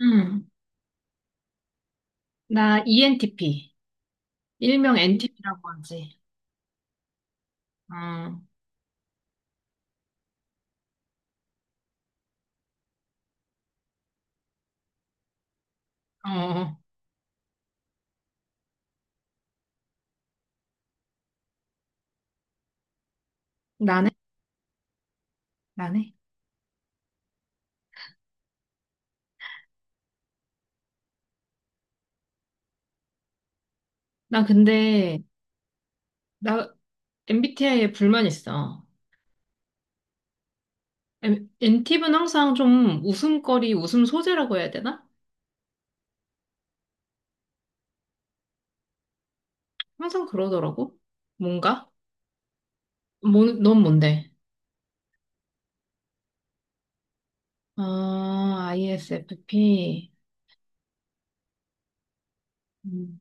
응. 나 ENTP. 일명 NTP라고 하지. 응. 어, 어. 나네? 나네? 나 근데, 나 MBTI에 불만 있어. NTP는 항상 좀 웃음거리, 웃음 소재라고 해야 되나? 항상 그러더라고. 뭔가? 뭐, 넌 뭔데? 아, ISFP. 음.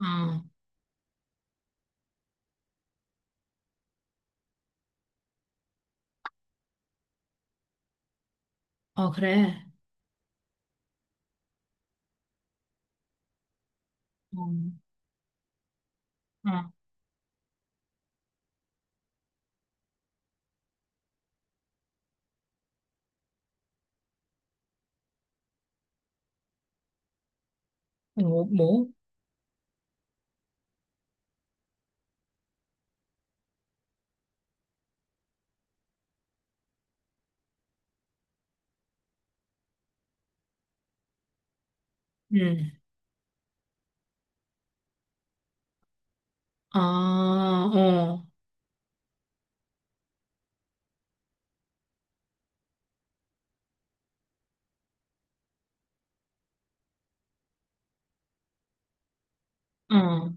어, 어, 그래. 음. 어. 뭐, 뭐? 음. 아, 어, 어,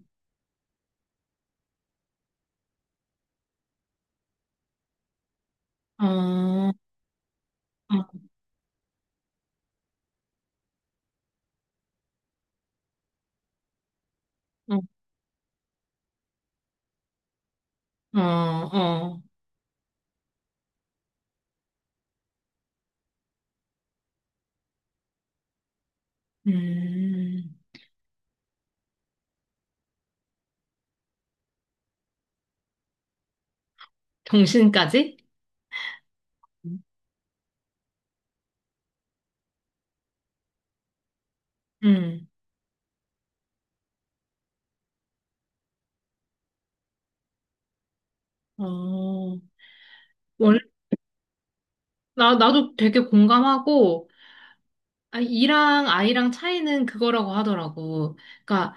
어. 어. 어, 어, 어. 음, 정신까지? 음, 어, 원, 나도 되게 공감하고, 아, 이랑 아이랑 차이는 그거라고 하더라고. 그러니까,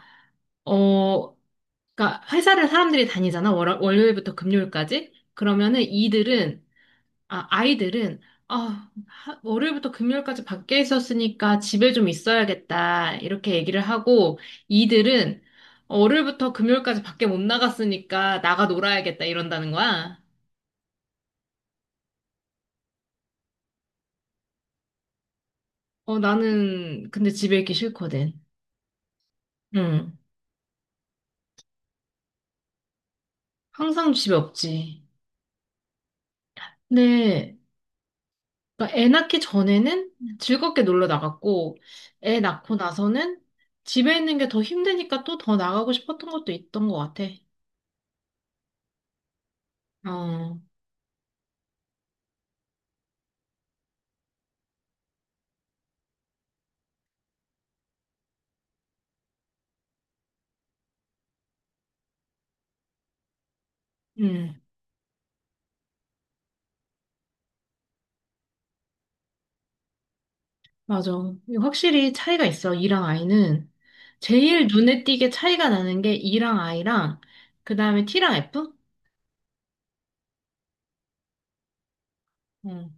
어, 그러니까 회사를 사람들이 다니잖아. 월요일부터 금요일까지. 그러면은 이들은, 아, 아이들은, 월요일부터 금요일까지 밖에 있었으니까 집에 좀 있어야겠다. 이렇게 얘기를 하고 이들은 월요일부터 금요일까지 밖에 못 나갔으니까 나가 놀아야겠다 이런다는 거야. 어, 나는 근데 집에 있기 싫거든. 응. 항상 집에 없지. 근데 그러니까 애 낳기 전에는 즐겁게 놀러 나갔고 애 낳고 나서는 집에 있는 게 더 힘드니까 또 더 나가고 싶었던 것도 있던 것 같아. 어. 음. 맞아. 이거 확실히 차이가 있어, 이랑 아이는. 제일 눈에 띄게 차이가 나는 게 이랑 아이랑, 그 다음에 T랑 F? 응.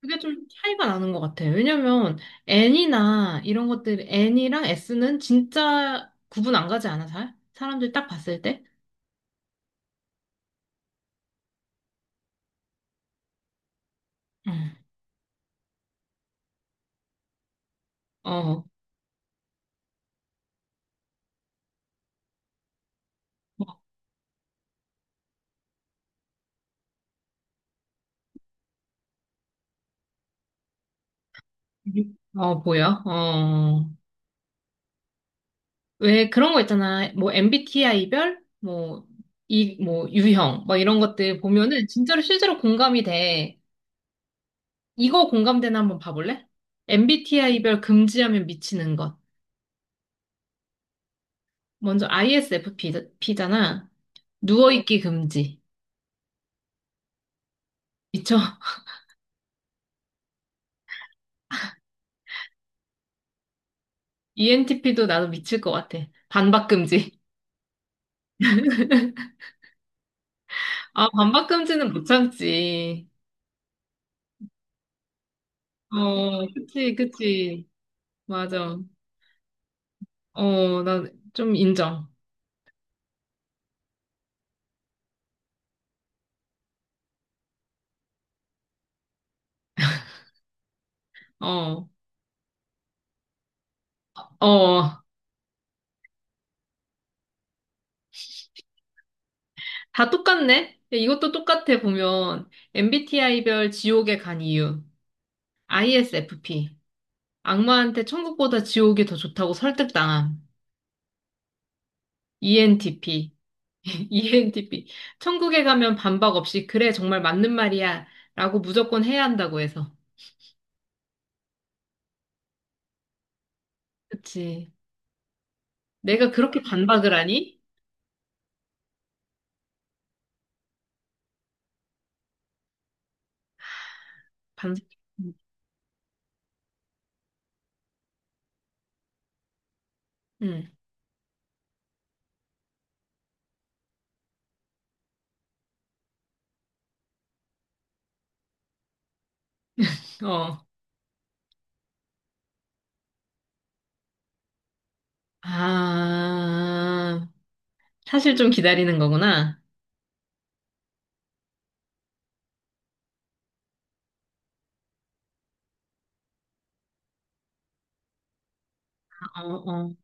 그게 좀 차이가 나는 것 같아. 왜냐면, N이나 이런 것들, N이랑 S는 진짜 구분 안 가지 않아, 잘? 사람들이 딱 봤을 때? 응. 어. 어, 보여? 어. 왜 그런 거 있잖아. 뭐, MBTI별? 뭐, 이, 뭐, 유형? 뭐, 이런 것들 보면은 진짜로 실제로 공감이 돼. 이거 공감대나 한번 봐볼래? MBTI별 금지하면 미치는 것. 먼저 ISFP잖아. 누워있기 금지. 미쳐. ENTP도 나도 미칠 것 같아. 반박 금지. 아, 반박 금지는 못 참지. 어, 그치, 그치. 맞아. 어, 난 좀 인정. 어, 어. 다 똑같네? 이것도 똑같아, 보면. MBTI별 지옥에 간 이유. ISFP. 악마한테 천국보다 지옥이 더 좋다고 설득당함. ENTP. ENTP. 천국에 가면 반박 없이, 그래, 정말 맞는 말이야. 라고 무조건 해야 한다고 해서. 그치. 내가 그렇게 반박을 하니? 반, 응, 어. 아, 사실 좀 기다리는 거구나. 어, 어,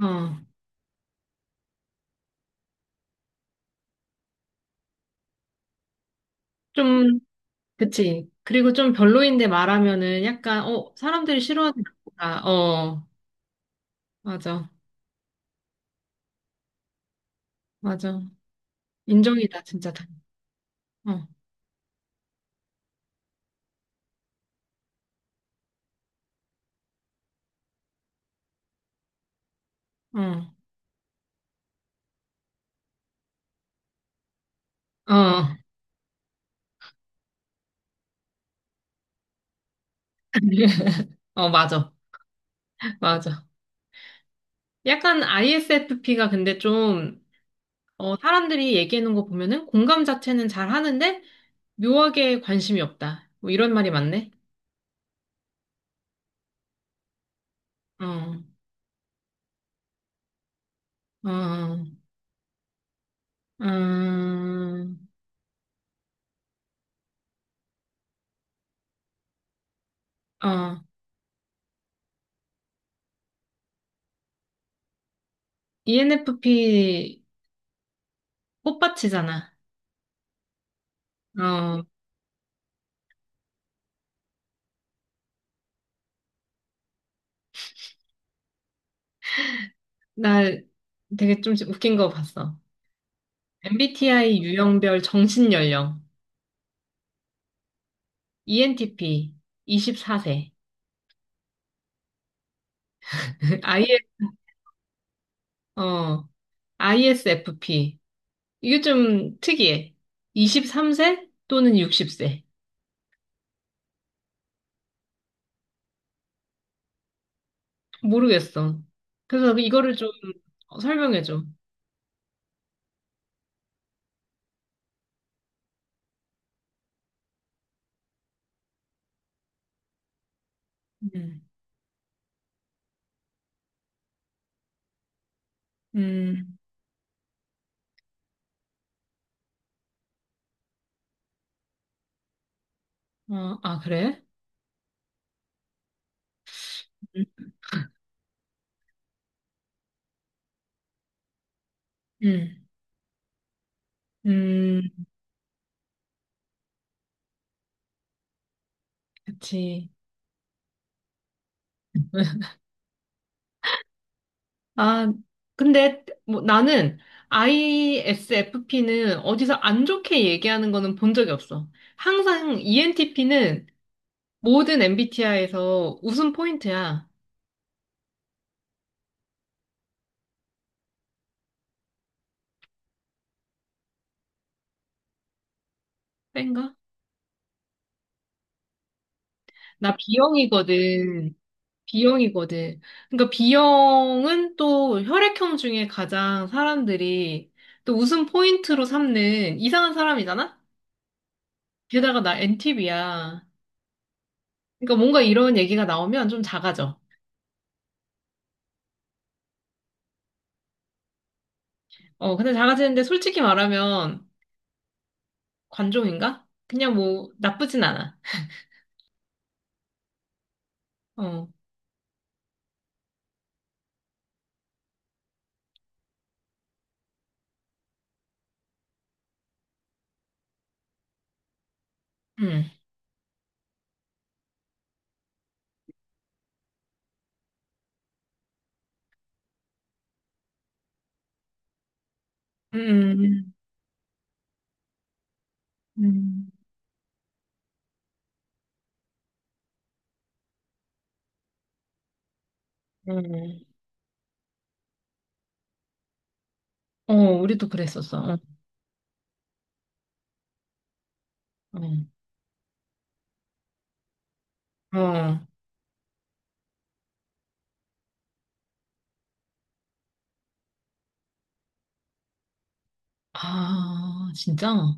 어. 좀, 그치. 그리고 좀 별로인데 말하면은 약간, 사람들이 싫어하는 거다. 어, 맞아. 맞아. 인정이다, 진짜. 어, 어, 어. 어, 맞아. 맞아. 약간 ISFP가 근데 좀, 사람들이 얘기하는 거 보면은 공감 자체는 잘 하는데 묘하게 관심이 없다. 뭐 이런 말이 맞네. 어, 어, 어. 음, 어, ENFP 꽃밭이잖아. 어, 나 되게 좀 웃긴 거 봤어. MBTI 유형별 정신연령, ENTP 24세 IS, ISFP. 이게 좀 특이해. 23세 또는 60세. 모르겠어. 그래서 이거를 좀 설명해줘. 음, 음, 어, 아, 그래? 음, 음, 음. 그치. 아, 근데 뭐 나는 ISFP는 어디서 안 좋게 얘기하는 거는 본 적이 없어. 항상 ENTP는 모든 MBTI에서 웃음 포인트야. 뺀가? 나 B형이거든. B형이거든. 그러니까 B형은 또 혈액형 중에 가장 사람들이 또 웃음 포인트로 삼는 이상한 사람이잖아? 게다가 나 NTV야. 그러니까 뭔가 이런 얘기가 나오면 좀 작아져. 어, 근데 작아지는데 솔직히 말하면 관종인가? 그냥 뭐 나쁘진 않아. 어, 음, 음, 음, 음. 어, 우리도 그랬었어. 어, 어. 어. 아, 진짜?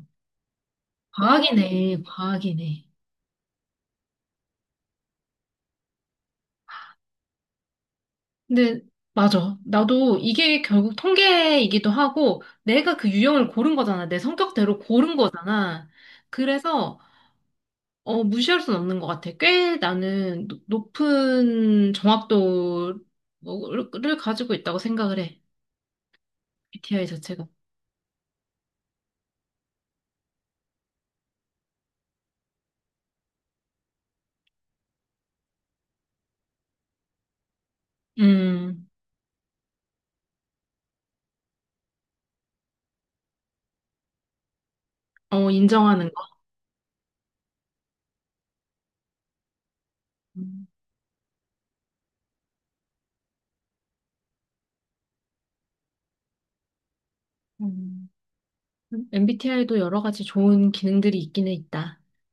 과학이네, 과학이네. 근데 맞아. 나도 이게 결국 통계이기도 하고 내가 그 유형을 고른 거잖아. 내 성격대로 고른 거잖아. 그래서 무시할 수는 없는 것 같아. 꽤 나는 높은 정확도를 가지고 있다고 생각을 해. MBTI 자체가. 음, 어, 인정하는 거. 음. MBTI도 여러 가지 좋은 기능들이 있기는 있다.